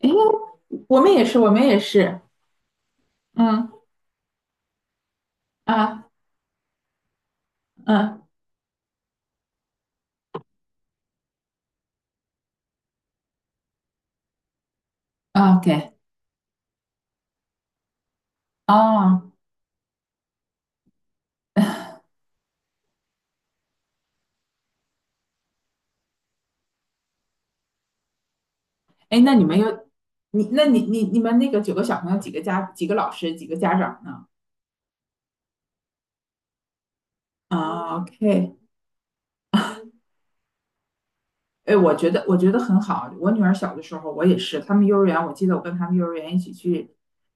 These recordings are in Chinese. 诶，我们也是，我们也是，嗯啊嗯啊，OK，哦，哎，那你们那个9个小朋友，几个老师，几个家长呢？啊，OK，哎，我觉得很好。我女儿小的时候，我也是，他们幼儿园，我记得我跟他们幼儿园一起去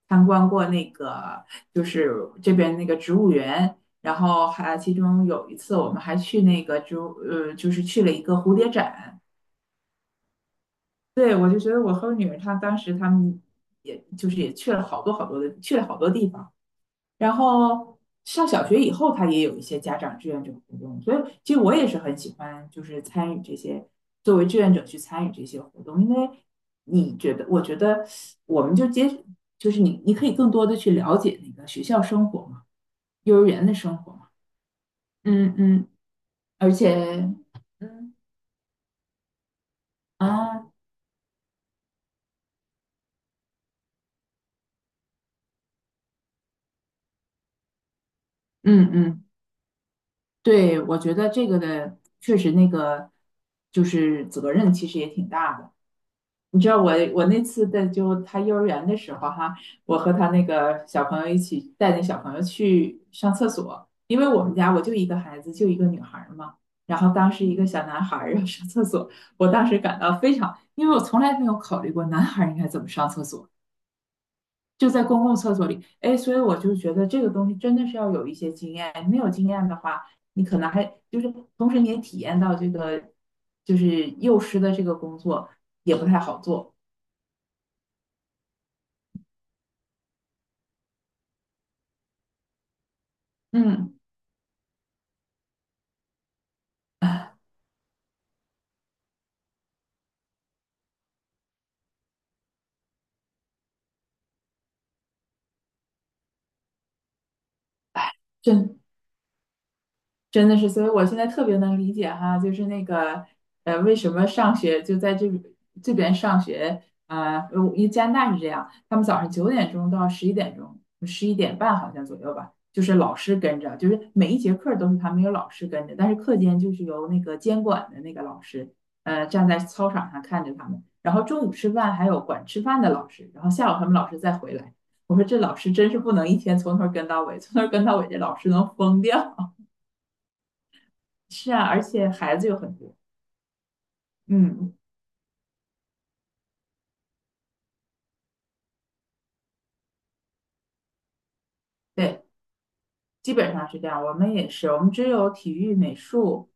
参观过那个，就是这边那个植物园。然后还其中有一次，我们还去那个植物，就是去了一个蝴蝶展。对，我就觉得我和我女儿她当时她们也就是也去了好多好多的，去了好多地方。然后上小学以后，她也有一些家长志愿者活动，所以其实我也是很喜欢，就是参与这些，作为志愿者去参与这些活动，因为你觉得，我觉得我们就接，就是你可以更多的去了解那个学校生活嘛，幼儿园的生活嘛，嗯嗯而且，嗯啊，嗯嗯。对，我觉得这个的确实那个就是责任，其实也挺大的。你知道我那次在就他幼儿园的时候哈，我和他那个小朋友一起带那小朋友去上厕所，因为我们家我就一个孩子，就一个女孩儿嘛。然后当时一个小男孩儿要上厕所，我当时感到非常，因为我从来没有考虑过男孩儿应该怎么上厕所。就在公共厕所里，哎，所以我就觉得这个东西真的是要有一些经验，没有经验的话，你可能还就是同时你也体验到这个就是幼师的这个工作也不太好做。嗯，真真的是，所以我现在特别能理解哈，就是那个，为什么上学就在这这边上学啊，因为加拿大是这样，他们早上9点钟到11点钟，11点半好像左右吧，就是老师跟着，就是每一节课都是他们有老师跟着，但是课间就是由那个监管的那个老师，站在操场上看着他们，然后中午吃饭还有管吃饭的老师，然后下午他们老师再回来。我说这老师真是不能一天从头跟到尾，从头跟到尾，这老师能疯掉。是啊，而且孩子有很多。嗯，对，基本上是这样。我们也是，我们只有体育、美术、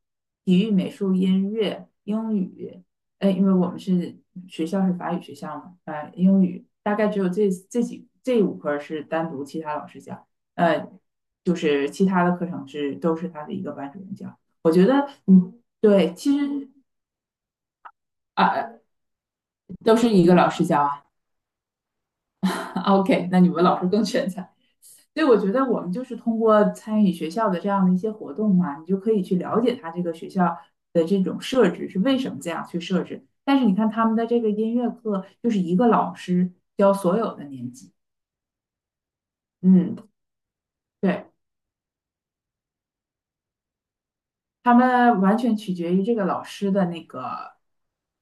体育、美术、音乐、英语，因为我们是学校是法语学校嘛，呃，英语大概只有这5科是单独其他老师教，呃，就是其他的课程都是他的一个班主任教。嗯，对，其实啊，都是一个老师教啊。OK，那你们老师更全才。所以我觉得我们就是通过参与学校的这样的一些活动嘛，你就可以去了解他这个学校的这种设置是为什么这样去设置。但是你看他们的这个音乐课，就是一个老师教所有的年级。嗯，对，他们完全取决于这个老师的那个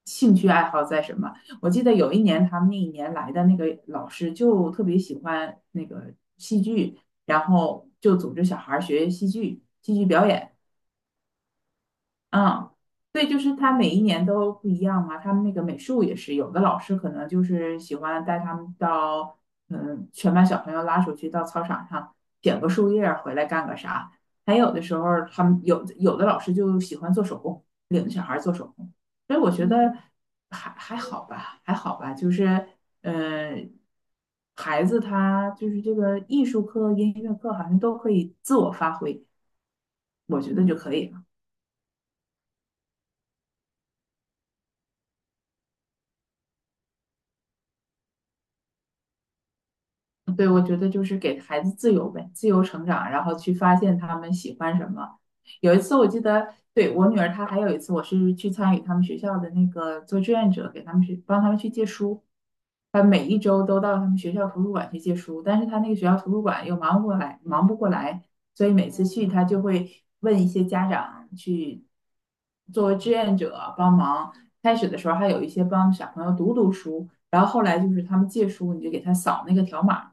兴趣爱好在什么。我记得有一年他们那一年来的那个老师就特别喜欢那个戏剧，然后就组织小孩儿学戏剧、戏剧表演。嗯，对，就是他每一年都不一样嘛。他们那个美术也是，有的老师可能就是喜欢带他们到，嗯，全班小朋友拉出去到操场上捡个树叶儿回来干个啥。还有的时候儿他们有的老师就喜欢做手工，领着小孩儿做手工。所以我觉得还好吧，还好吧，就是，呃，孩子他就是这个艺术课、音乐课好像都可以自我发挥，我觉得就可以了。对，我觉得就是给孩子自由呗，自由成长，然后去发现他们喜欢什么。有一次我记得，对，我女儿她还有一次，我是去参与他们学校的那个做志愿者，给他们去帮他们去借书。她每一周都到他们学校图书馆去借书，但是他那个学校图书馆又忙不过来，忙不过来，所以每次去他就会问一些家长去作为志愿者帮忙。开始的时候还有一些帮小朋友读读书，然后后来就是他们借书，你就给他扫那个条码。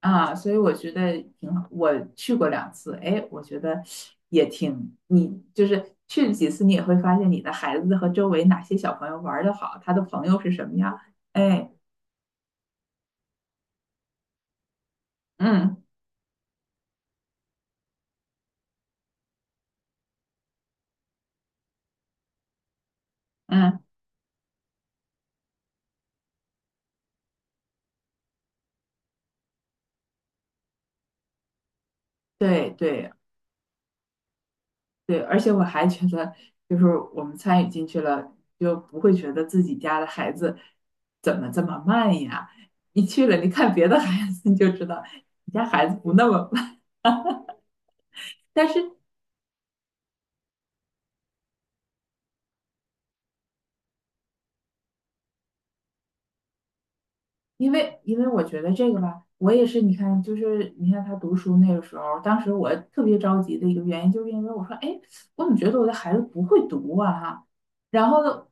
啊，所以我觉得挺好。我去过2次，哎，我觉得也挺，你就是去了几次，你也会发现你的孩子和周围哪些小朋友玩的好，他的朋友是什么样。哎，嗯嗯，对对对，而且我还觉得，就是我们参与进去了，就不会觉得自己家的孩子怎么这么慢呀。你去了，你看别的孩子，你就知道你家孩子不那么慢。但是因为我觉得这个吧，我也是，你看，就是你看他读书那个时候，当时我特别着急的一个原因，就是因为我说，哎，我怎么觉得我的孩子不会读啊？哈，然后呢，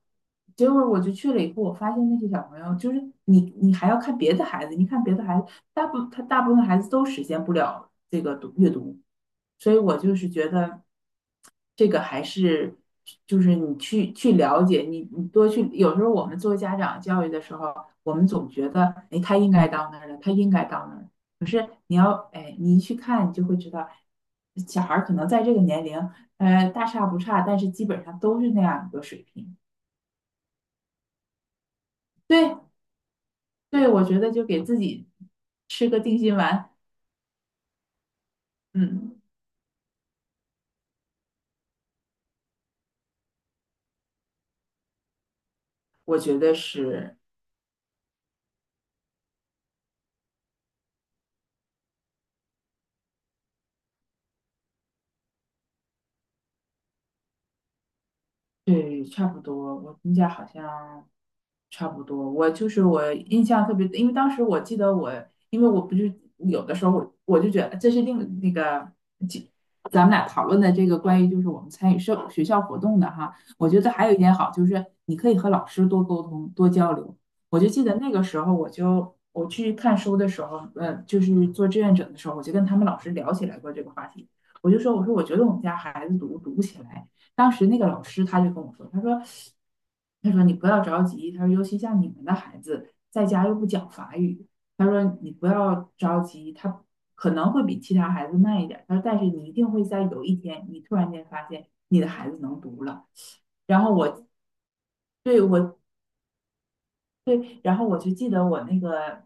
结果我就去了以后，我发现那些小朋友，就是你还要看别的孩子，你看别的孩子，大部分孩子都实现不了这个读阅读，所以我就是觉得这个还是就是你去了解，你多去，有时候我们做家长教育的时候。我们总觉得，哎，他应该到那儿了，他应该到那儿了。可是你要，哎，你一去看，你就会知道，小孩儿可能在这个年龄，大差不差，但是基本上都是那样一个水平。对，对，我觉得就给自己吃个定心丸。嗯，我觉得是对，差不多。我们家好像差不多，我就是我印象特别，因为当时我记得我，因为我不是有的时候我就觉得这是另那个，就咱们俩讨论的这个关于就是我们参与社学校活动的哈，我觉得还有一点好就是你可以和老师多沟通多交流。我就记得那个时候我去看书的时候，就是做志愿者的时候，我就跟他们老师聊起来过这个话题，我说我觉得我们家孩子读读不起来。当时那个老师他就跟我说，他说，他说你不要着急，他说尤其像你们的孩子在家又不讲法语，他说你不要着急，他可能会比其他孩子慢一点他说但是你一定会在有一天，你突然间发现你的孩子能读了。然后我对，然后我就记得我那个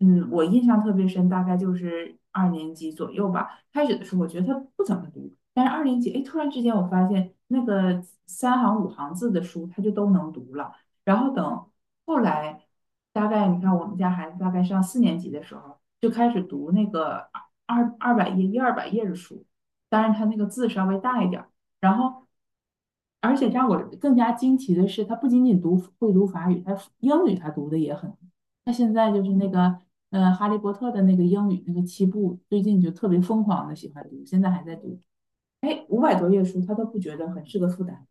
嗯，我印象特别深，大概就是二年级左右吧。开始的时候，我觉得他不怎么读，但是二年级，哎，突然之间我发现那个3行5行字的书，他就都能读了。然后等后来，大概你看我们家孩子大概上4年级的时候，就开始读那个二百页、100-200页的书，当然他那个字稍微大一点儿。然后，而且让我更加惊奇的是，他不仅仅读会读法语，他英语他读的也很。那现在就是那个《哈利波特》的那个英语那个7部，最近就特别疯狂的喜欢读，现在还在读。哎，500多页书，他都不觉得很是个负担。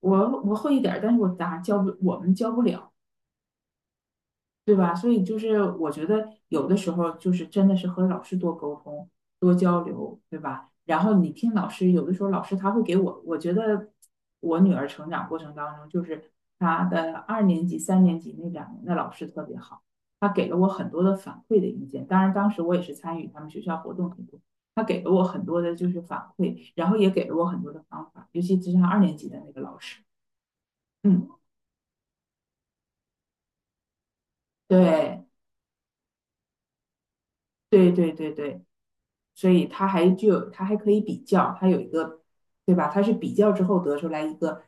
我会一点儿，但是我咋教不，我们教不了。对吧？所以就是我觉得有的时候就是真的是和老师多沟通、多交流，对吧？然后你听老师，有的时候老师他会给我，我觉得我女儿成长过程当中，就是她的二年级、3年级那2年的老师特别好，他给了我很多的反馈的意见。当然，当时我也是参与他们学校活动很多，他给了我很多的就是反馈，然后也给了我很多的方法，尤其是像二年级的那个老师，嗯，对。对对对对，所以它还具有，它还可以比较，它有一个，对吧？它是比较之后得出来一个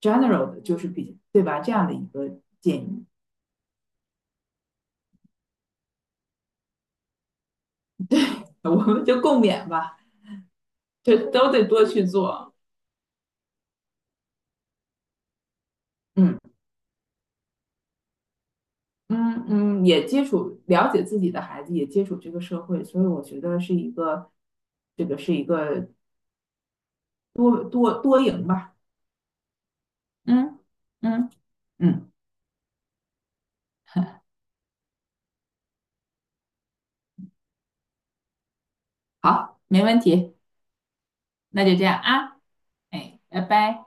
general 的，就是比，对吧？这样的一个建议，我们就共勉吧，就都得多去做。嗯嗯嗯，也接触了解自己的孩子，也接触这个社会，所以我觉得是一个，这个是一个多多多赢吧。嗯嗯嗯，好，没问题，那就这样啊，哎，拜拜。